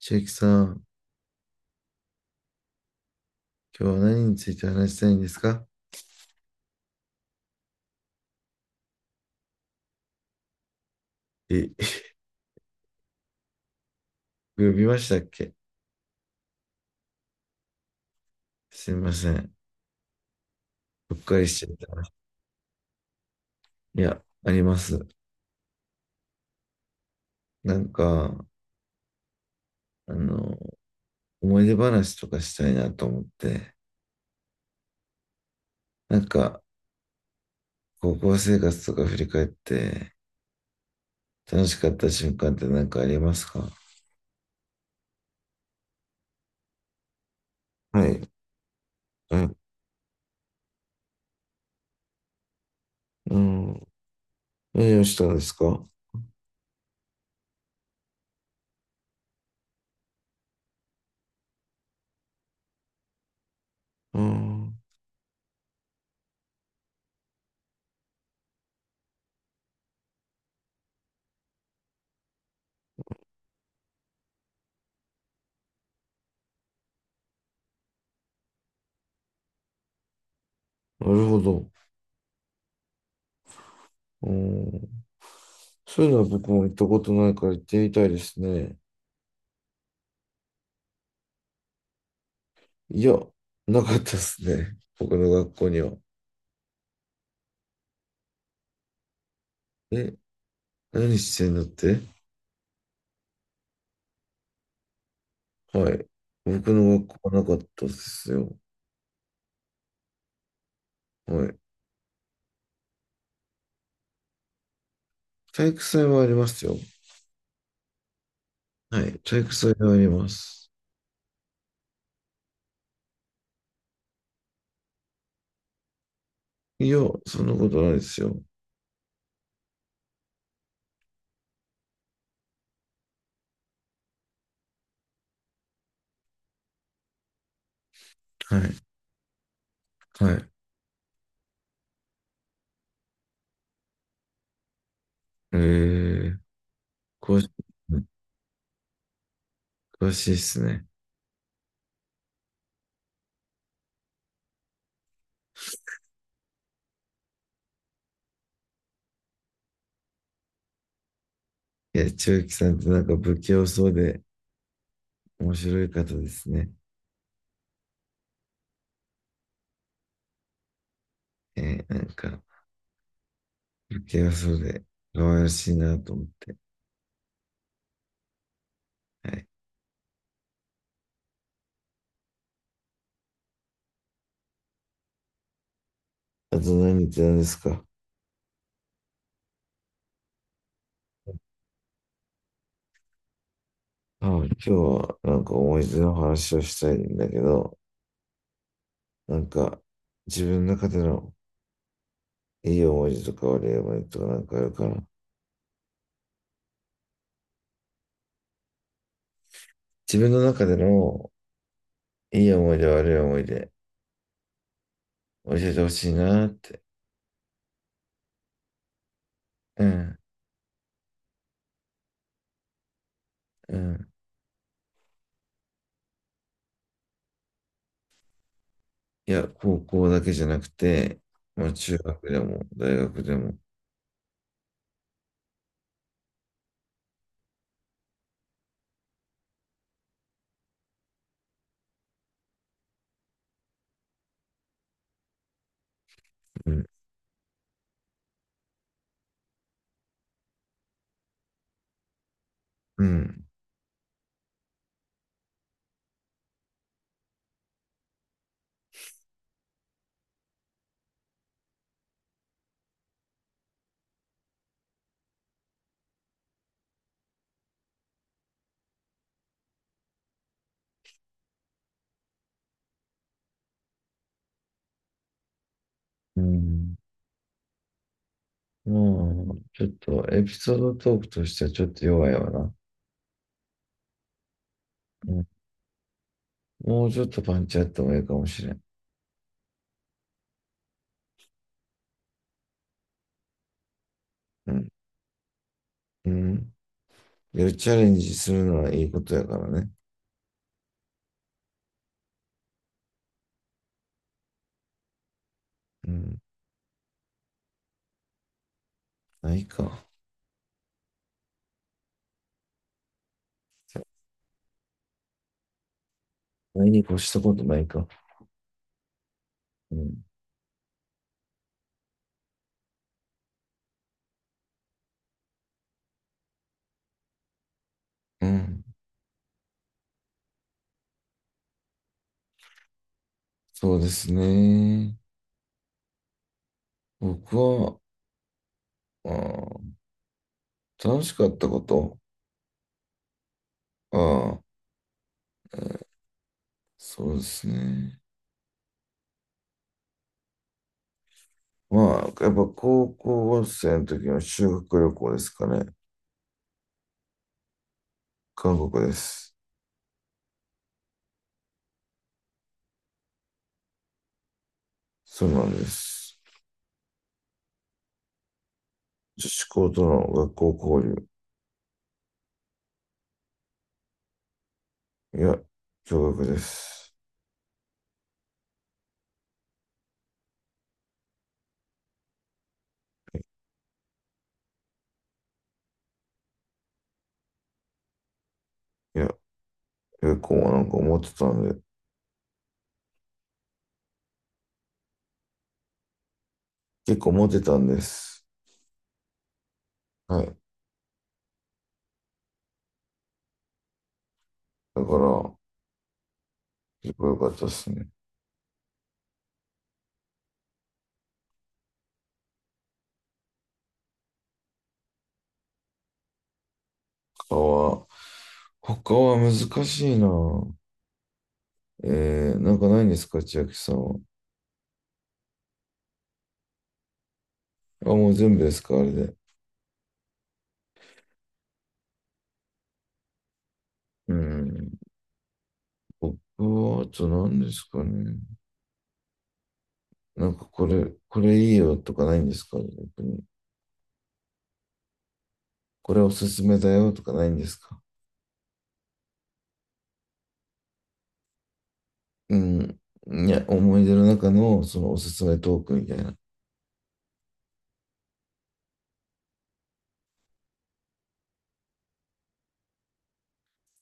千秋さん、今日は何について話したいんですか？え、呼びましたっけ？すいません。うっかりしちゃった。いや、あります。なんか、あの、思い出話とかしたいなと思って、なんか、高校生活とか振り返って、楽しかった瞬間って何かありますか？はい。はい。うん。何をしたんですか？うん。なるほど。うん。そういうのは僕も行ったことないから行ってみたいですね。いや、なかったっすね。僕の学校には。え、何してんだって。はい。僕の学校はなかったですよ。はい。体育祭はありますよ。はい。体育祭はあります。いや、そんなことないですよ。はい。はい。えー、詳しい、うん詳しいっすね。いや、千秋さんってなんか不器用そうで面白い方ですね。なんか不器用そうで可愛らしいなと思って。はい。あと何言ってたんですか？はい、今日はなんか思い出の話をしたいんだけど、なんか自分の中でのいい思い出とか悪い思い出とかなんかあるかな。自分の中でのいい思い出悪い思い出教えてほしいなって。うん、うん。いや、高校だけじゃなくて、まあ中学でも大学でも。うん、うん。うん、もうちょっとエピソードトークとしてはちょっと弱いわな。うん、もうちょっとパンチあってもいいかもしれん。うん、うん。いやチャレンジするのはいいことやからね。うん。ないか。ないに越したことないか。うん。うん。そうですね。僕は、あー楽しかったこと。ああ、そうですね。まあ、やっぱ高校生の時の修学旅行ですかね。韓国です。そうなんです。女子校との学校交流。いや、驚愕です。いや、結構なんか思ってたんで、結構モってたんです。はい。だから、結構良かったですね。他は、他は難しいな。えー、なんかないんですか、千秋さんは。あ、もう全部ですか、あれで。うん。僕は、あと何ですかね。なんかこれいいよとかないんですか、逆に。これおすすめだよとかないんですか。うん。いや、思い出の中の、そのおすすめトークみたいな。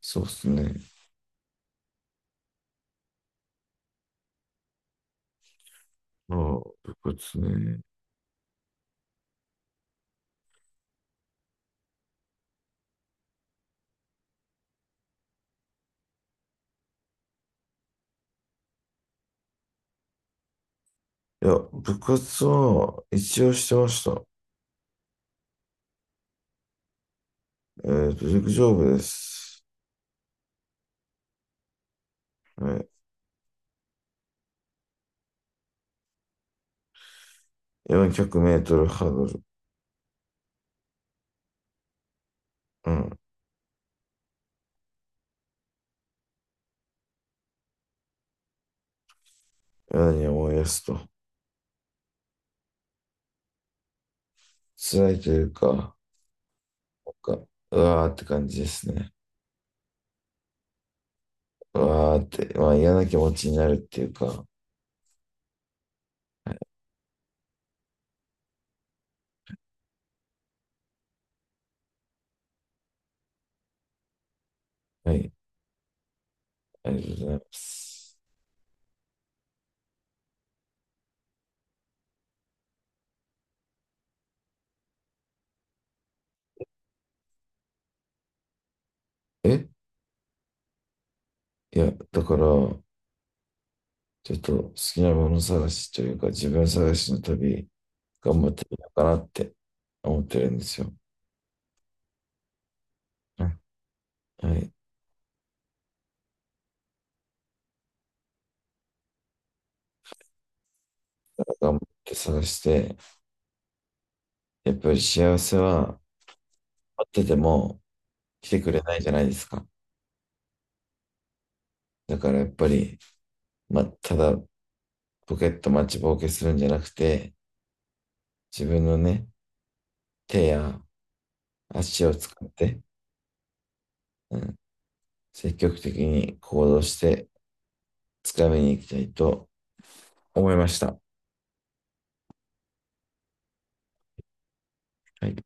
そうですね。ああ、部活ね。いや、部活は一応してました。えっと、陸上部です。はい。400メートルハードル。うん。何を思い出すと。辛いというか、かうわーって感じですね。うわーって、まあ嫌な気持ちになるっていうか。はい。ありがとうございます。え、いや、だから、ちょっと好きなもの探しというか、自分探しの旅、頑張ってみようかなって思ってるんですよ。うん、はい。頑張って探して、やっぱり幸せは、あってても、来てくれないじゃないですか。だからやっぱり、まあ、ただポケット待ちぼうけするんじゃなくて、自分のね、手や足を使って、うん、積極的に行動して、つかみに行きたいと思いました。はい。